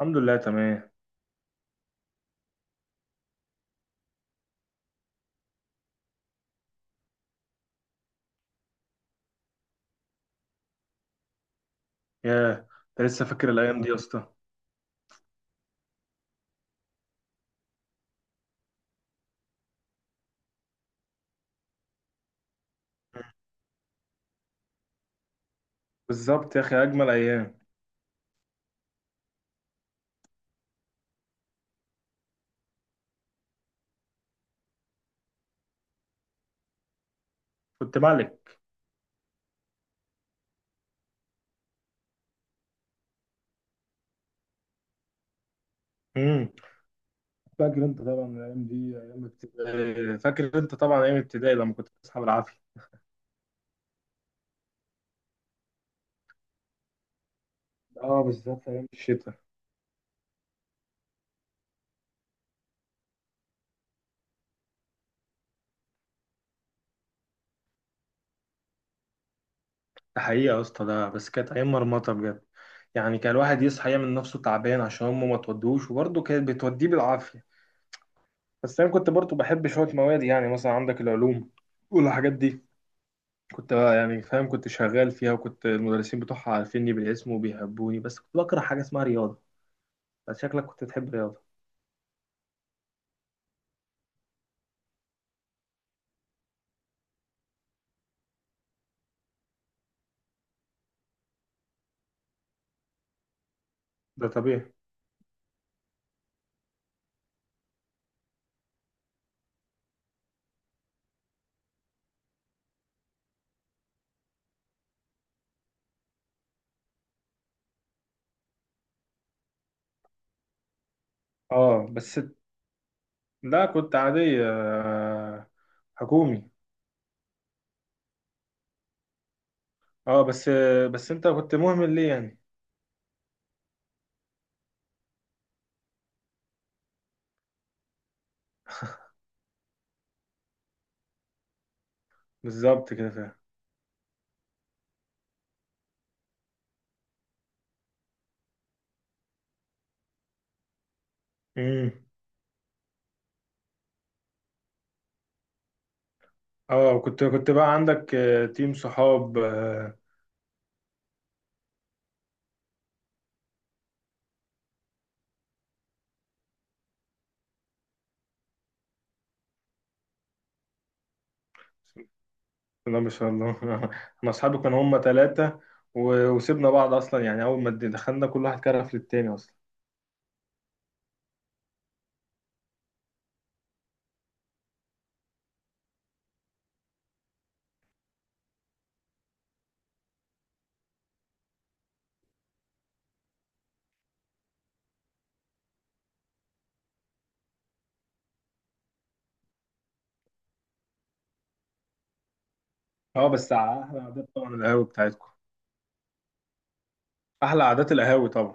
الحمد لله، تمام. ياه! انت لسه فاكر الايام دي يا اسطى؟ بالظبط يا اخي، اجمل ايام. كنت مالك. امم فاكر انت طبعا الايام دي. ايام ابتدائي آه، فاكر انت طبعا ايام ابتدائي لما كنت بتصحى بالعافيه. اه، بالذات ايام الشتاء. ده حقيقه يا اسطى، ده بس كانت ايام مرمطه بجد. يعني كان الواحد يصحى يعمل نفسه تعبان عشان امه ما تودوش، وبرضه كانت بتوديه بالعافيه. بس انا كنت برضه بحب شويه مواد، يعني مثلا عندك العلوم والحاجات دي. كنت بقى يعني فاهم، كنت شغال فيها، وكنت المدرسين بتوعها عارفيني بالاسم وبيحبوني، بس كنت بكره حاجة اسمها رياضة. بس شكلك كنت بتحب رياضة. ده طبيعي. اه، بس. لا، كنت عادية، آه،. حكومي. اه، بس. بس انت كنت مهمل ليه يعني؟ بالظبط كده، فاهم. امم. اه، كنت بقى عندك تيم صحاب. بسم الله ما شاء الله انا اصحابي كانوا هم ثلاثة. وسيبنا بعض اصلا، يعني اول ما دخلنا كل واحد كرف للتاني اصلا. اه، بس على احلى عادات طبعا القهوة بتاعتكم. احلى عادات القهاوي طبعا.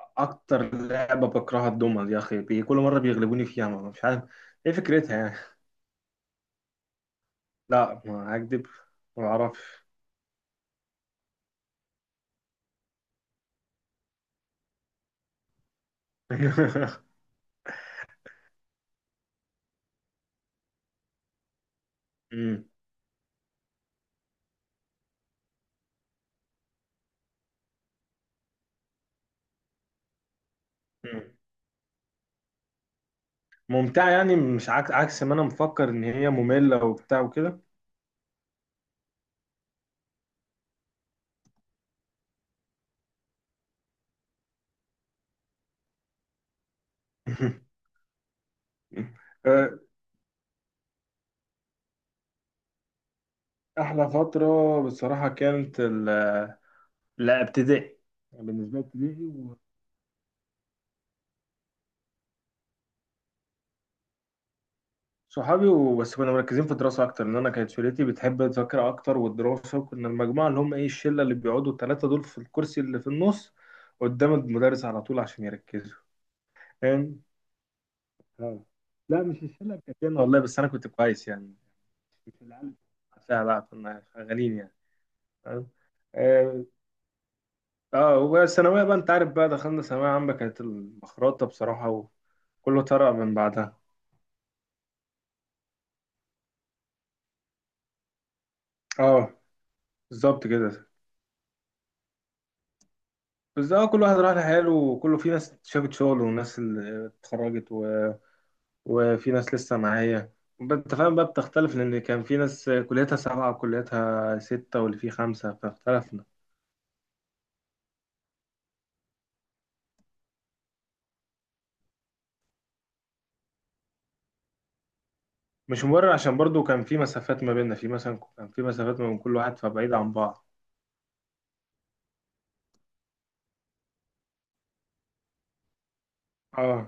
اكتر لعبه بكرهها الدومنه دي يا اخي، كل مره بيغلبوني فيها، ما مش عارف. ايه فكرتها يعني؟ لا، ما هكدب. ما اعرفش. أمم. أمم. ممتعه يعني، مش عكس ما انا مفكر ان هي ممله وبتاع وكده. أه، احلى فتره بصراحه لا، ابتدائي. بالنسبه لي، ابتدائي. صحابي وبس، كنا مركزين في الدراسة أكتر لأن أنا كانت شلتي بتحب المذاكرة أكتر والدراسة، وكنا المجموعة اللي هم إيه الشلة اللي بيقعدوا التلاتة دول في الكرسي اللي في النص قدام المدرس على طول عشان يركزوا. فاهم؟ آه. لا، مش الشلة بتاعتنا والله، بس أنا كنت كويس يعني. مش العيال بتاعتها بقى، كنا شغالين يعني. فاهم؟ آه. آه، والثانوية بقى أنت عارف بقى، دخلنا ثانوية عامة، كانت المخرطة بصراحة، وكله طرق من بعدها. آه. بالظبط كده. بس، اه، كل واحد راح لحاله، وكله في ناس شافت شغل وناس اللي اتخرجت، وفي ناس لسه معايا. انت فاهم بقى، بتختلف لان كان في ناس كليتها سبعة وكليتها ستة واللي فيه خمسة فاختلفنا. مش مبرر عشان برضو كان في مسافات ما بيننا، في مثلا كان في مسافات ما بين كل واحد، فبعيد عن بعض. اه.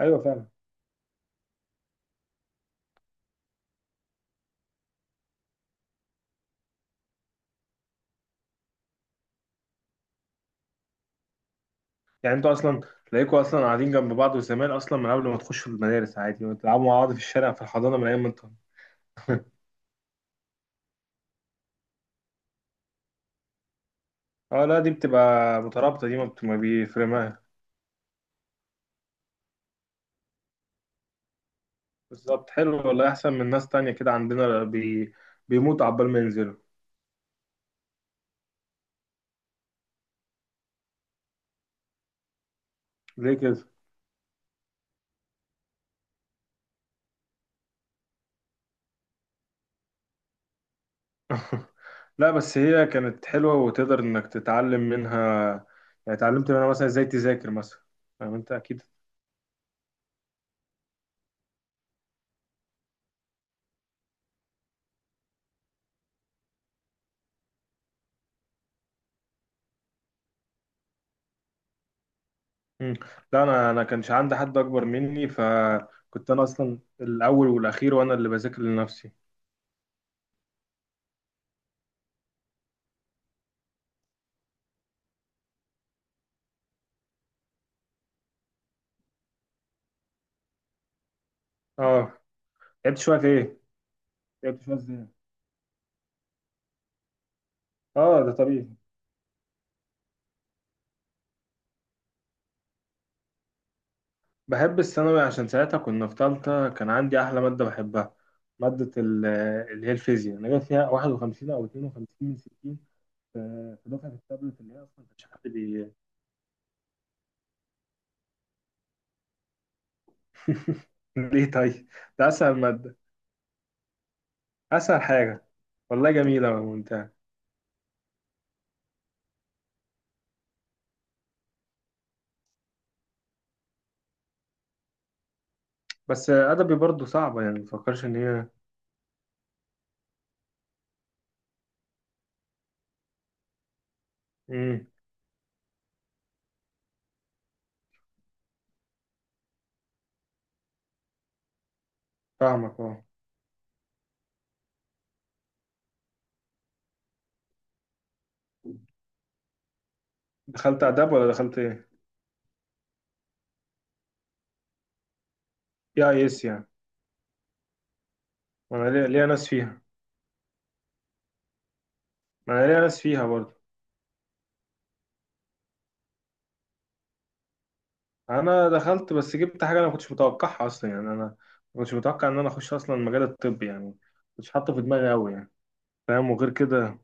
ايوه، فعلا. يعني انتوا اصلا تلاقيكوا اصلا قاعدين جنب بعض، وزمان اصلا من قبل ما تخشوا المدارس عادي وتلعبوا مع بعض في الشارع، في الحضانة، من ايام ما انتوا. اه، لا، دي بتبقى مترابطة دي، ما بيفرق. بالظبط، حلو والله، احسن من ناس تانية كده عندنا بيموت عبال ما ينزلوا. ليه كده؟ لا، بس هي كانت حلوة وتقدر انك تتعلم منها. يعني اتعلمت منها مثلا ازاي تذاكر مثلا. فاهم انت اكيد. مم. لا، انا كانش عندي حد اكبر مني، فكنت انا اصلا الاول والاخير، وانا اللي بذاكر لنفسي. اه. لعبت شوية في ايه؟ لعبت شوية ازاي؟ اه، ده طبيعي. بحب الثانوي عشان ساعتها كنا في تالتة، كان عندي أحلى مادة بحبها. مادة ال- اللي هي الفيزياء. أنا جايب فيها 51 أو 52 من 60. ف- في دفعة التابلت اللي هي أصلا مش حد بي. ليه طيب؟ ده أسهل مادة. أسهل حاجة. والله جميلة وممتعة. بس أدبي برضو صعبة يعني، مفكرش إن هي. مم. فاهمك، أه. دخلت آداب ولا دخلت إيه؟ يا يس يعني. ما أنا ليا ناس فيها. ما أنا ليا ناس فيها برضو. انا دخلت، بس جبت حاجه انا ما كنتش متوقعها اصلا، يعني انا ما كنتش متوقع ان انا اخش اصلا المجال الطبي يعني، ما كنتش حاطه في دماغي قوي يعني. فاهم؟ وغير كده،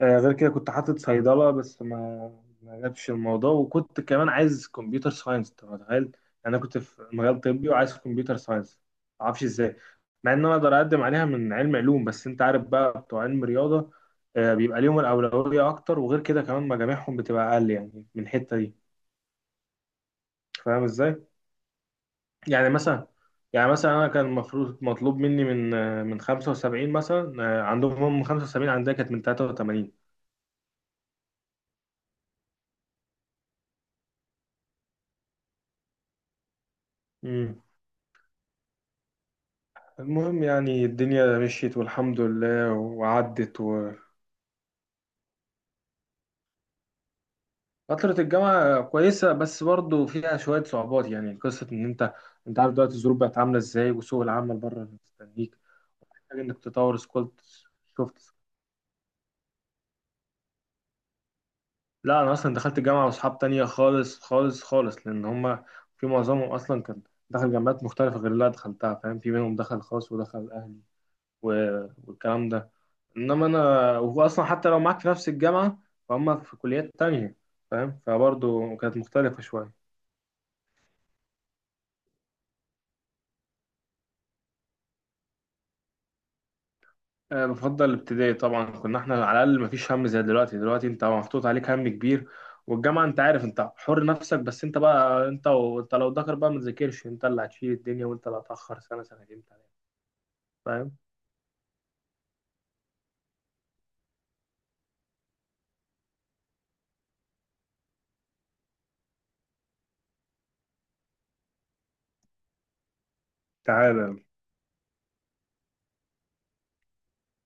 آه، غير كده كنت حاطط صيدله، بس ما جابش الموضوع، وكنت كمان عايز كمبيوتر ساينس. انت متخيل يعني؟ انا كنت في مجال طبي وعايز كمبيوتر ساينس، ما اعرفش ازاي. مع ان انا اقدر اقدم عليها من علم علوم، بس انت عارف بقى بتوع علم رياضه، آه، بيبقى ليهم الاولويه اكتر، وغير كده كمان مجاميعهم بتبقى اقل يعني من الحته دي. فاهم ازاي؟ يعني مثلا. يعني مثلا انا كان المفروض مطلوب مني من 75 مثلا، عندهم هم 75 عندها كانت من 83. امم المهم يعني الدنيا مشيت والحمد لله، وعدت و فترة الجامعة كويسة بس برضه فيها شوية صعوبات، يعني قصة إن أنت عارف دلوقتي الظروف بقت عاملة إزاي، وسوق العمل بره مستنيك، محتاج إنك تطور سكولت. سوفت. لا، انا اصلا دخلت جامعه واصحاب تانية خالص خالص خالص لان هما في معظمهم اصلا كان دخل جامعات مختلفه غير اللي انا دخلتها. فاهم؟ في منهم دخل خاص ودخل اهلي والكلام ده، انما انا، وهو اصلا حتى لو معاك في نفس الجامعه فهم في كليات تانية، فاهم، فبرضه كانت مختلفه شويه. أه، بفضل الابتدائي طبعا، كنا احنا على الاقل مفيش هم زي دلوقتي. دلوقتي انت محطوط عليك هم كبير، والجامعه انت عارف انت حر نفسك، بس انت بقى انت، وانت لو ذاكر بقى، ما تذاكرش، انت اللي هتشيل الدنيا وانت اللي هتاخر سنه سنتين تلاتة. فاهم. تعالى